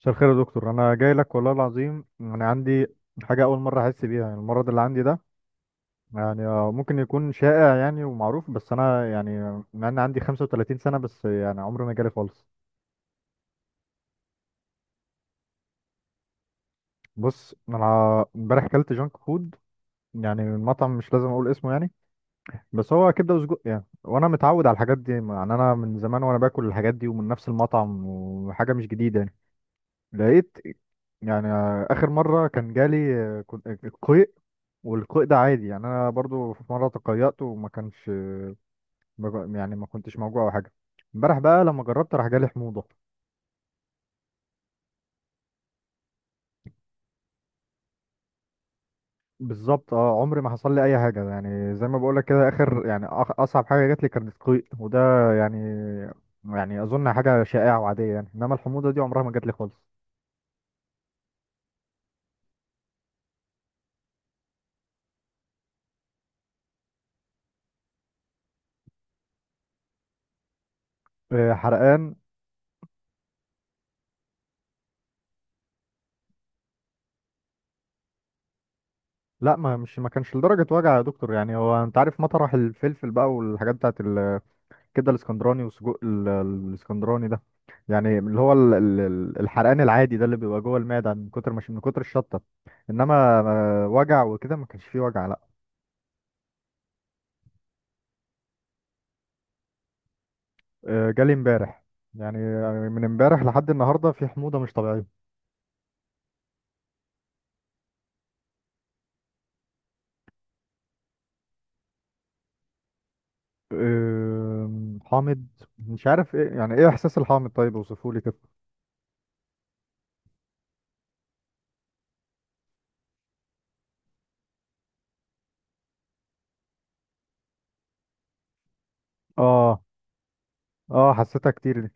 مساء الخير يا دكتور، انا جاي لك والله العظيم. انا عندي حاجه اول مره احس بيها. يعني المرض اللي عندي ده يعني ممكن يكون شائع يعني ومعروف، بس انا يعني مع ان عندي 35 سنه، بس يعني عمري ما جالي خالص. بص، انا امبارح اكلت جانك فود يعني من مطعم مش لازم اقول اسمه يعني. بس هو كبده وسجق يعني، وانا متعود على الحاجات دي يعني. انا من زمان وانا باكل الحاجات دي ومن نفس المطعم، وحاجه مش جديده يعني. لقيت يعني اخر مره كان جالي قيء. والقيء ده عادي يعني، انا برضو في مره تقيأت وما كانش ما ج- يعني ما كنتش موجوع او حاجه. امبارح بقى لما جربت راح جالي حموضه. بالظبط، اه، عمري ما حصل لي اي حاجه، يعني زي ما بقول لك كده. اخر يعني اصعب حاجه جات لي كانت قيء، وده يعني يعني اظن حاجه شائعه وعاديه يعني. انما الحموضه دي عمرها ما جات لي خالص. حرقان. لا، ما مش ما كانش لدرجه وجع يا دكتور. يعني هو انت عارف مطرح الفلفل بقى والحاجات بتاعت كده الاسكندراني، وسجق الاسكندراني ده، يعني اللي هو الحرقان العادي ده اللي بيبقى جوه المعده من كتر، مش من كتر الشطه. انما وجع وكده ما كانش فيه وجع، لا. جالي امبارح. يعني من امبارح لحد النهارده في حموضه مش طبيعيه. حامض. مش عارف ايه يعني، ايه احساس الحامض؟ طيب اوصفه لي كده. اه، اه، حسيتها كتير دي.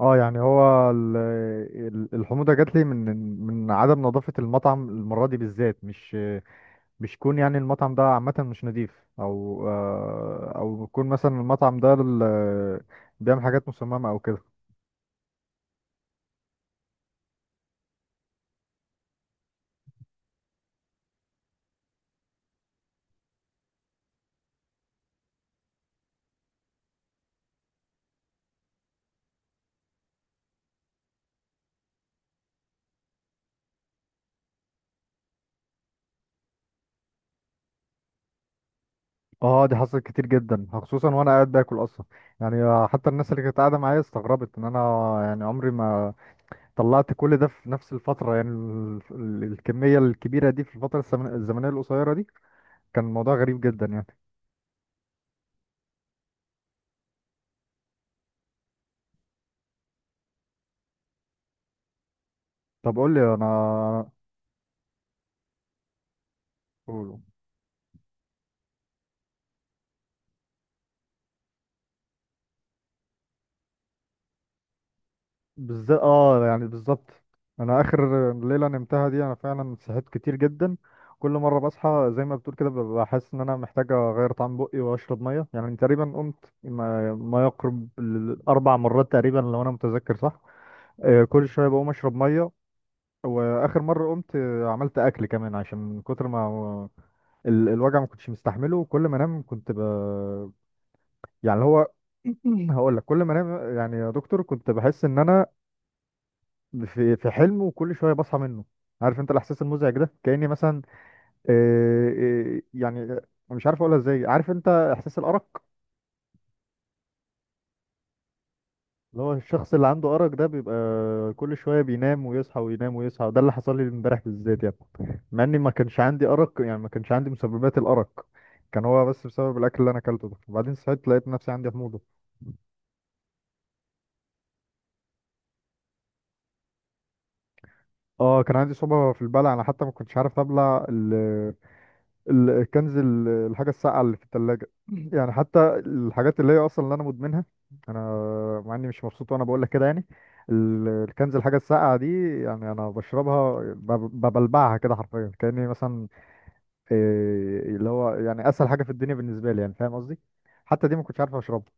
اه، يعني هو الحموضه جات لي من من عدم نظافه المطعم، المره دي بالذات. مش يكون يعني المطعم ده عامة مش نضيف، أو أو يكون مثلا المطعم ده بيعمل حاجات مصممة أو كده. اه، دي حصلت كتير جدا، خصوصا وانا قاعد باكل اصلا. يعني حتى الناس اللي كانت قاعده معايا استغربت ان انا يعني عمري ما طلعت كل ده في نفس الفتره. يعني الكميه الكبيره دي في الفتره الزمنيه القصيره دي كان الموضوع غريب جدا يعني. طب قول لي انا قول. بالذات، اه، يعني بالظبط. انا اخر ليله نمتها دي انا فعلا صحيت كتير جدا. كل مره بصحى زي ما بتقول كده ببقى حاسس ان انا محتاج اغير طعم بقي واشرب ميه. يعني تقريبا قمت ما يقرب الاربع مرات تقريبا، لو انا متذكر صح. كل شويه بقوم اشرب ميه. واخر مره قمت عملت اكل كمان، عشان من كتر ما الوجع ما كنتش مستحمله. وكل ما انام كنت ب... يعني اللي هو هقول لك، كل ما انام يعني يا دكتور كنت بحس ان انا في في حلم، وكل شويه بصحى منه. عارف انت الاحساس المزعج ده، كاني مثلا آه، آه، يعني آه، مش عارف اقولها ازاي. عارف انت احساس الارق؟ اللي هو الشخص اللي عنده ارق ده بيبقى كل شويه بينام ويصحى وينام ويصحى. ده اللي حصل لي امبارح بالذات يعني، مع اني ما كانش عندي ارق، يعني ما كانش عندي مسببات الارق. كان هو بس بسبب الاكل اللي انا اكلته ده. وبعدين صحيت لقيت نفسي عندي حموضه. اه، كان عندي صعوبه في البلع، انا حتى ما كنتش عارف ابلع الكنز الحاجة الساقعة اللي في التلاجة يعني حتى الحاجات اللي هي أصلا اللي أنا مدمنها أنا، مع إني مش مبسوط وأنا بقول لك كده يعني. الكنز الحاجة الساقعة دي، يعني أنا بشربها ببلبعها كده حرفيا، كأني مثلا اللي هو يعني أسهل حاجة في الدنيا بالنسبة لي، يعني فاهم قصدي. حتى دي ما كنتش عارف أشربها.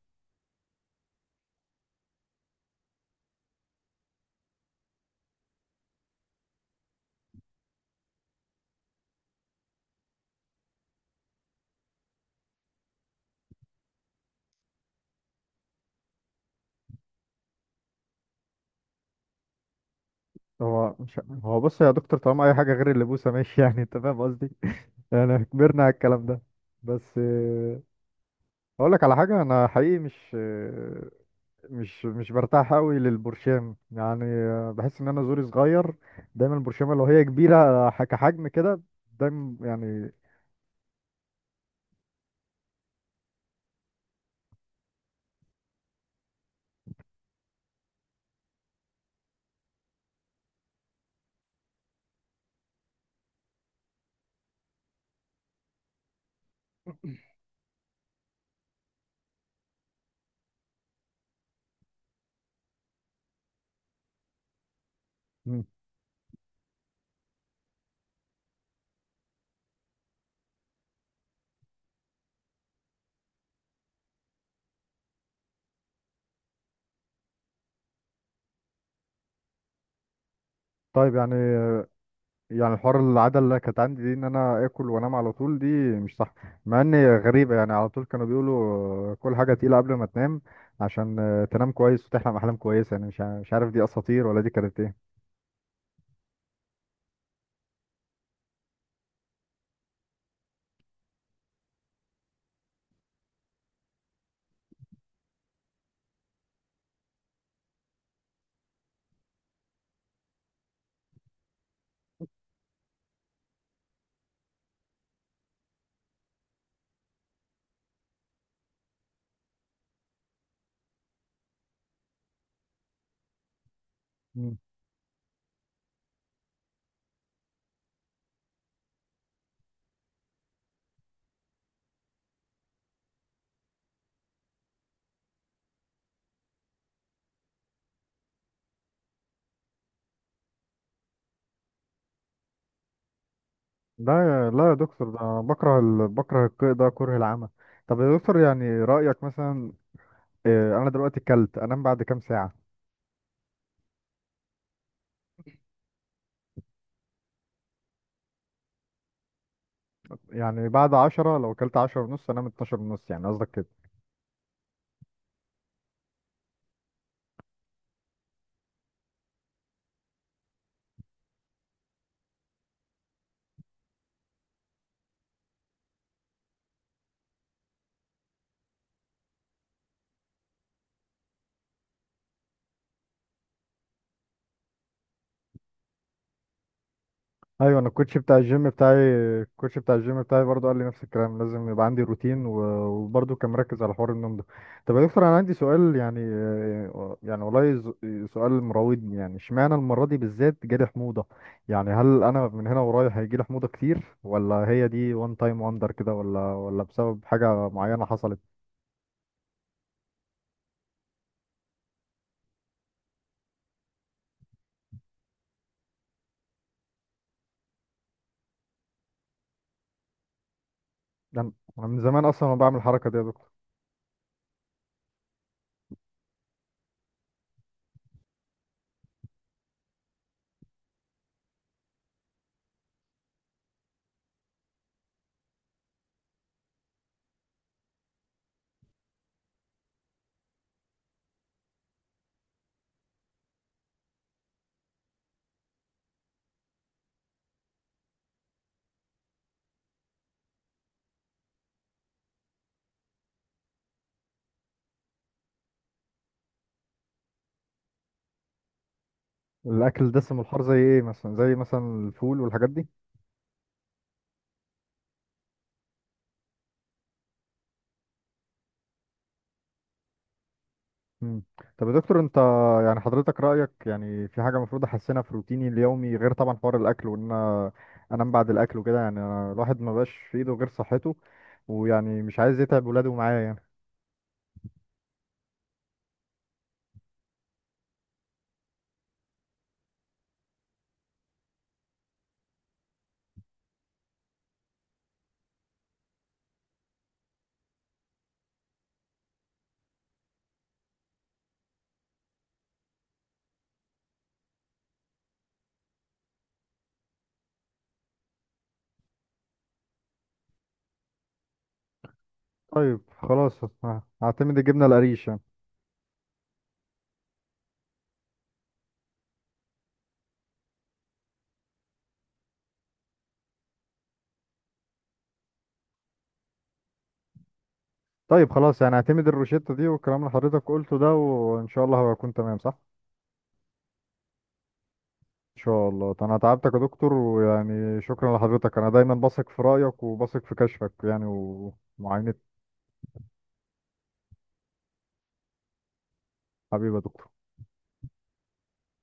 هو مش هو بص يا دكتور، طالما أي حاجة غير اللبوسة ماشي يعني أنت فاهم قصدي، يعني كبرنا على الكلام ده. بس أقول لك على حاجة. أنا حقيقي مش مش برتاح قوي للبرشام. يعني بحس ان انا زوري صغير. دايما البرشامه لو هي كبيره كحجم كده، دايما يعني. مم. طيب يعني، يعني الحوار العاده اللي كانت عندي دي، ان انا اكل وانام على طول، دي مش صح. مع اني غريبه، يعني على طول كانوا بيقولوا كل حاجه تقيله قبل ما تنام عشان تنام كويس وتحلم احلام كويسه. يعني مش عارف دي اساطير ولا دي كانت ايه. مم. لا، لا يا دكتور، ده أنا بكره ال... بكره القيء ده كره العمى. طب يا دكتور يعني رأيك مثلا انا دلوقتي اكلت انام بعد كام ساعه؟ يعني بعد عشرة، لو اكلت عشرة ونص انام اتناشر ونص يعني، قصدك كده؟ ايوه، انا الكوتش بتاع الجيم بتاعي الكوتش بتاع الجيم بتاعي برضو قال لي نفس الكلام، لازم يبقى عندي روتين، وبرضو كان مركز على حوار النوم ده. طب يا دكتور انا عندي سؤال، يعني يعني والله سؤال مراودني. يعني اشمعنى المره دي بالذات جالي حموضه؟ يعني هل انا من هنا ورايح هيجي لي حموضه كتير، ولا هي دي وان تايم وندر كده، ولا بسبب حاجه معينه حصلت؟ انا، أنا من زمان اصلا ما بعمل الحركه دي يا دكتور. الاكل الدسم والحار زي ايه مثلا؟ زي مثلا الفول والحاجات دي؟ مم. طب يا دكتور انت، يعني حضرتك رايك يعني في حاجه المفروض احسنها في روتيني اليومي، غير طبعا حوار الاكل وان انا انام بعد الاكل وكده؟ يعني أنا الواحد ما بقاش في ايده غير صحته، ويعني مش عايز يتعب ولاده معاه يعني. طيب خلاص، هعتمد الجبنه القريش يعني. طيب خلاص، يعني هعتمد الروشته دي والكلام اللي حضرتك قلته ده، وان شاء الله هبقى اكون تمام، صح؟ ان شاء الله. انا تعبتك يا دكتور، ويعني شكرا لحضرتك. انا دايما بثق في رايك وبثق في كشفك يعني ومعاينه. حبيبي يا دكتور.